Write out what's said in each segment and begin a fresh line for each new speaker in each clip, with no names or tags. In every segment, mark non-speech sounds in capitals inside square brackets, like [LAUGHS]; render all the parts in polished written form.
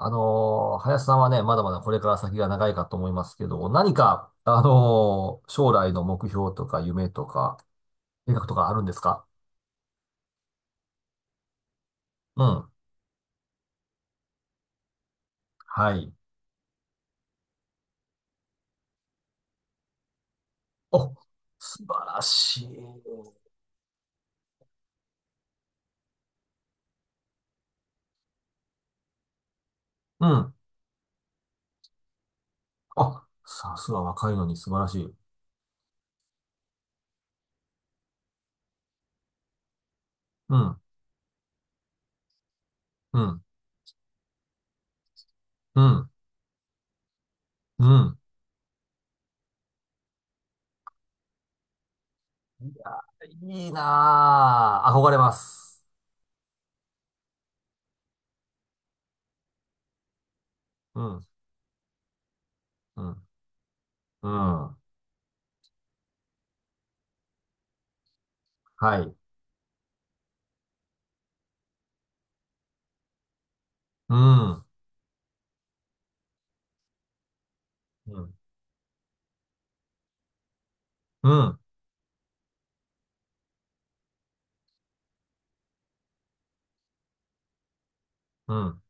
林さんはね、まだまだこれから先が長いかと思いますけど、何か、将来の目標とか夢とか、計画とかあるんですか？うん。はい。お、素晴らしい。うん。あ、さすが若いのに素晴らしい。うん、うん、うん、うん。いや、いいなぁ。憧れます。うん、うん、うん。はい。うん、うん、うん、うん。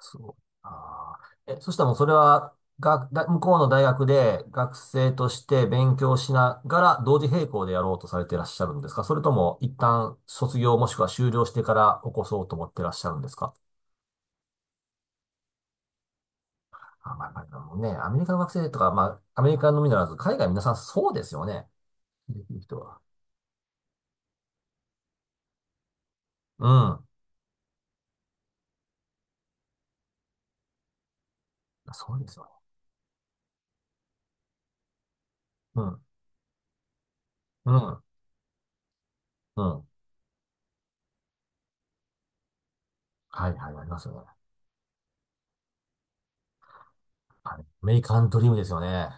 そう。あー、え、そしたらもうそれは、が、だ、向こうの大学で学生として勉強しながら同時並行でやろうとされていらっしゃるんですか？それとも一旦卒業もしくは修了してから起こそうと思ってらっしゃるんですか？あ、まあ、まあ、でもね、アメリカの学生とか、まあ、アメリカのみならず、海外皆さんそうですよね。できる人は。うん。そうですよね。うん。うん。うん。はいはい、ありますよね。あれアメリカンドリームですよね。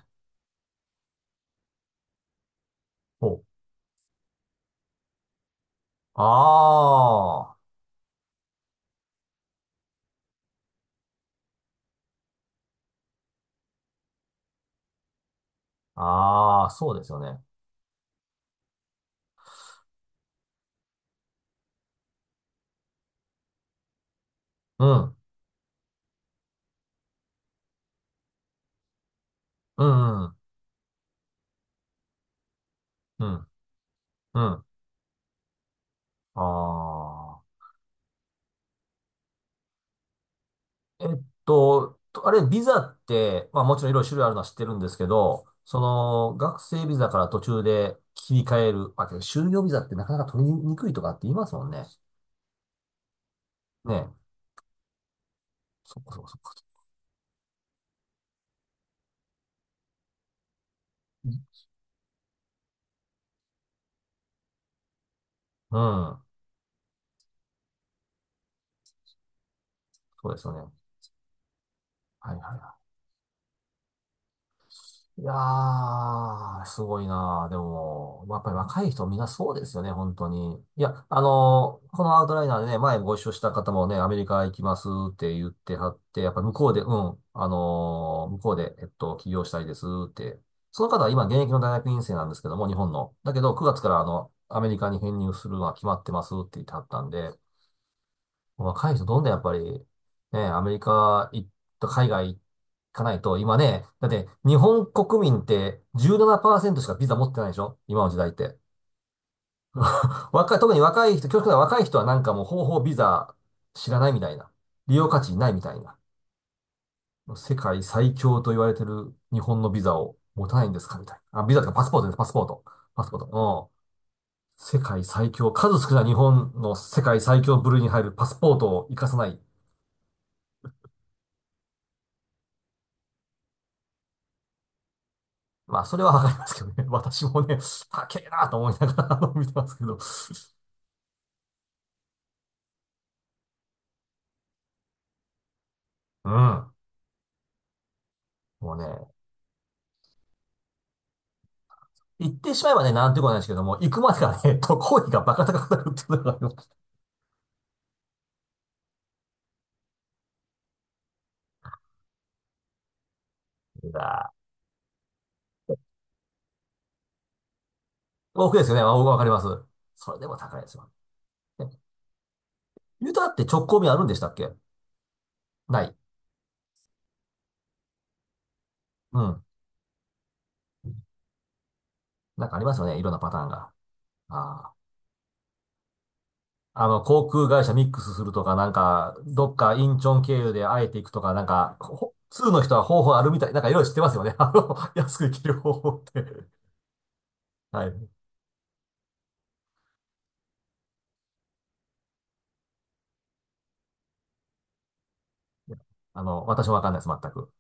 ほう。ああ。ああ、そうですよね。うん、うん、うん、うん、うん。ああ。あれ、ビザって、まあもちろんいろいろ種類あるのは知ってるんですけど、その、学生ビザから途中で切り替える、まあ、けど就業ビザってなかなか取りにくいとかって言いますもんね。ねえ。そっかそっかそっか。うん。そうですよね。はいはいはい。いやー、すごいなー。でも、やっぱり若い人みんなそうですよね、本当に。いや、このアウトライナーでね、前ご一緒した方もね、アメリカ行きますって言ってはって、やっぱ向こうで、うん、向こうで、起業したいですって。その方は今現役の大学院生なんですけども、日本の。だけど、9月からあの、アメリカに編入するのは決まってますって言ってはったんで、若い人どんどんやっぱり、ね、アメリカ行った海外行かないと、今ね、だって日本国民って17%しかビザ持ってないでしょ今の時代って。若い、特に若い人、極端な若い人はなんかもう方法ビザ知らないみたいな。利用価値ないみたいな。世界最強と言われてる日本のビザを持たないんですかみたいな。あ、ビザとかパスポートです、パスポート。パスポート。うん。世界最強、数少ない日本の世界最強部類に入るパスポートを活かさない。まあ、それはわかりますけどね。[LAUGHS] 私もね、高えなと思いながらあの見てますけど。[LAUGHS] うん。もうね、行ってしまえばね、なんてことないですけども、行くまでがね、[LAUGHS] 渡航費がバカ高くなるっていうのがあります。いやー多くですよね。まあ僕はわかります。それでも高いですよ。ね、ユタって直行便あるんでしたっけ？ない。うん。なんかありますよね。いろんなパターンが。あー、あの、航空会社ミックスするとか、なんか、どっかインチョン経由で会えていくとか、なんか、ほ通の人は方法あるみたい。なんかいろいろ知ってますよね。[LAUGHS] あの、安く行ける方法って。はい。あの、私もわかんないです、全く。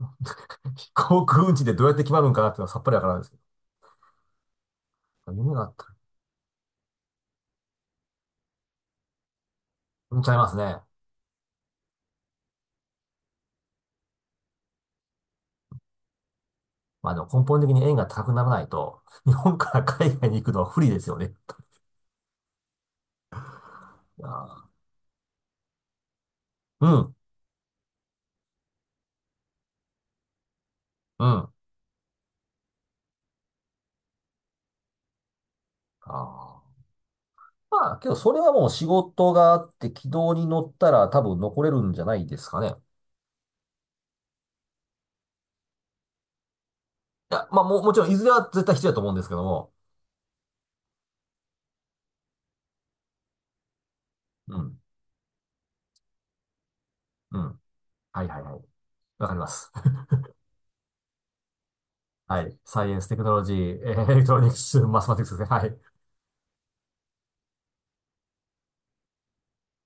[LAUGHS] 航空運賃でどうやって決まるんかなっていうのはさっぱりわからないですけど。夢があったら、うんちゃいますね。まあでも根本的に円が高くならないと、日本から海外に行くのは不利ですよね。いやー、うん、うん。あー、まあ、けどそれはもう仕事があって軌道に乗ったら多分残れるんじゃないですかね。いや、まあもう、もちろんいずれは絶対必要だと思うんですけども。うん、うん。はいはいはい。わかります。[LAUGHS] はい。サイエンス、テクノロジー、エレクトロニクス、マスマティクスですね。はい。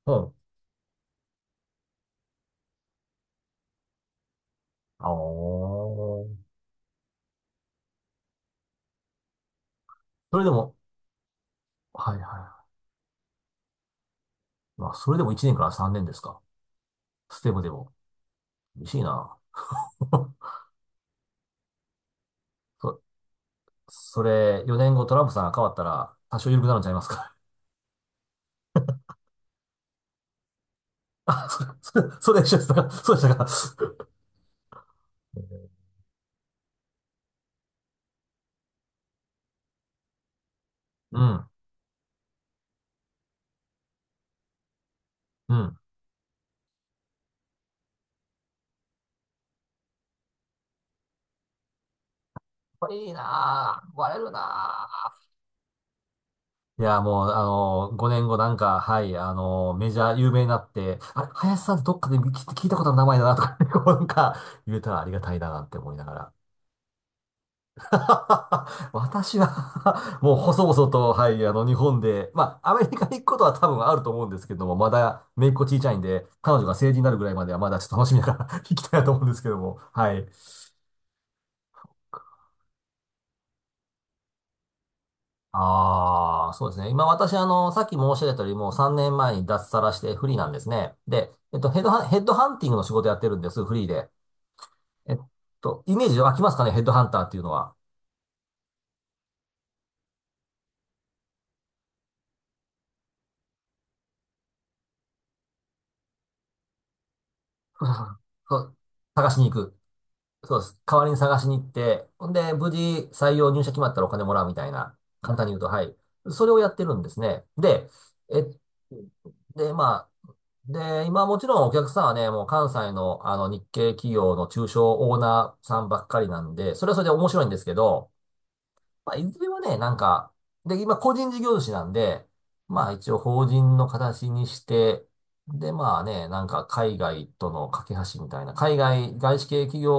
うん。ああー。それでも、はいはいはい。まあ、それでも1年から3年ですか。ステムでも。厳しいな。[LAUGHS] そ、それ、4年後トランプさんが変わったら、多少緩くなるんちゃいますか。[LAUGHS] あ、それ、[LAUGHS] それ、それ一緒でしたか。そうでしたか。[LAUGHS] うん、うん。これいいなぁ。割れるなぁ。いや、もう、5年後なんか、はい、メジャー有名になって、あれ、林さんってどっかで聞いたことある名前だなとか、[LAUGHS] こうなんか、言えたらありがたいななんて思いながら。[LAUGHS] 私は [LAUGHS] もう細々と、はい、あの、日本で、まあ、アメリカに行くことは多分あると思うんですけども、まだ、姪っ子小さいんで、彼女が成人になるぐらいまでは、まだちょっと楽しみながら [LAUGHS] 行きたいなと思うんですけども、はい。ああ、そうですね。今私、あの、さっき申し上げたよりも3年前に脱サラしてフリーなんですね。で、ヘッドハンティングの仕事やってるんです、フリーで。えっと、イメージ湧きますかね、ヘッドハンターっていうのは。[LAUGHS] そうそうそう、探しに行く。そうです。代わりに探しに行って、ほんで、無事採用入社決まったらお金もらうみたいな、簡単に言うと、はい。それをやってるんですね。で、え、で、まあ、で、今もちろんお客さんはね、もう関西のあの日系企業の中小オーナーさんばっかりなんで、それはそれで面白いんですけど、まあ、いずれはね、なんか、で、今、個人事業主なんで、まあ、一応、法人の形にして、で、まあね、なんか、海外との架け橋みたいな、海外、外資系企業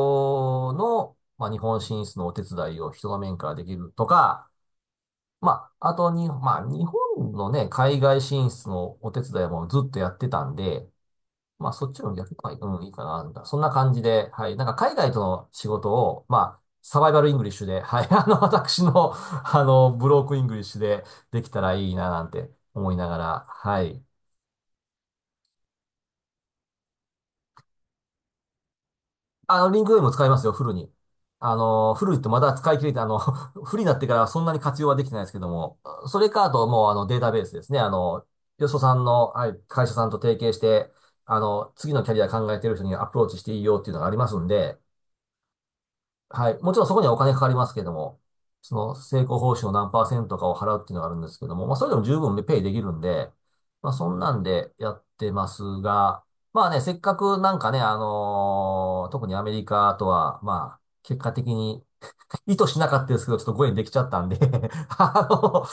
の、まあ、日本進出のお手伝いを人の面からできるとか、まあ、あとに、まあ、日本のね、海外進出のお手伝いもずっとやってたんで、まあ、そっちの逆に、まあうん、いいかな、みたいな。そんな感じで、はい。なんか、海外との仕事を、まあ、サバイバルイングリッシュで、はい。[LAUGHS] あの、私の、あの、ブロークイングリッシュでできたらいいな、なんて思いながら、はい。あの、リンクドインも使いますよ、フルに。あの、フルってまだ使い切れて、あの、[LAUGHS] フルになってからそんなに活用はできてないですけども、それか、あと、もう、あの、データベースですね。あの、よそさんの、はい、会社さんと提携して、あの、次のキャリア考えてる人にアプローチしていいよっていうのがありますんで、はい。もちろんそこにはお金かかりますけども、その成功報酬の何パーセントかを払うっていうのがあるんですけども、まあそれでも十分ペイできるんで、まあそんなんでやってますが、まあね、せっかくなんかね、特にアメリカとは、まあ結果的に意図しなかったですけど、ちょっとご縁できちゃったんで [LAUGHS] あの、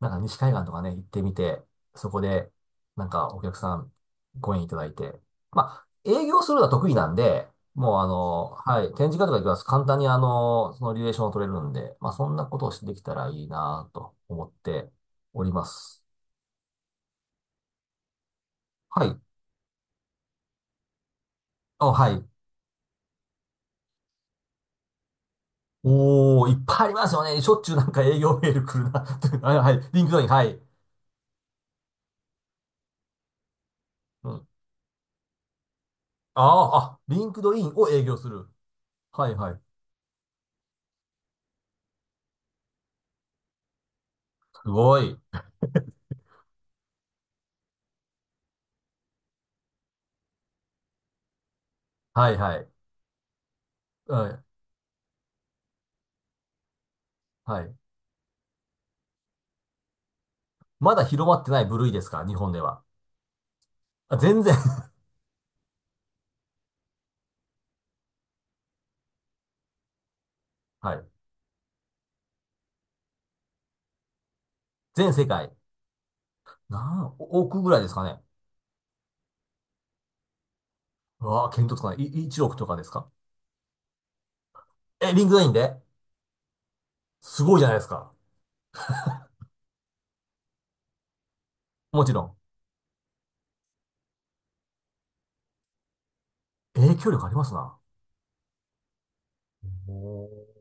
なんか西海岸とかね、行ってみて、そこで、なんかお客さん、ご縁いただいて。まあ、営業するのは得意なんで、もうあの、はい、展示会とか行きます。簡単にあの、そのリレーションを取れるんで、まあそんなことをしてできたらいいなと思っております。はい。あ、はい。おー、いっぱいありますよね。しょっちゅうなんか営業メール来るな。 [LAUGHS] はい、はい。リンクドイン、はい。うん。あー、あ、リンクドインを営業する。はいはい。すごい。はいはい。はい。はい。まだ広まってない部類ですか日本では。あ、全然。 [LAUGHS] はい。全世界。何億ぐらいですかね。うわあ、見当つかない。い、1億とかですか？え、リンクラインで、すごいじゃないですか。もちろん。影響力ありますな。おー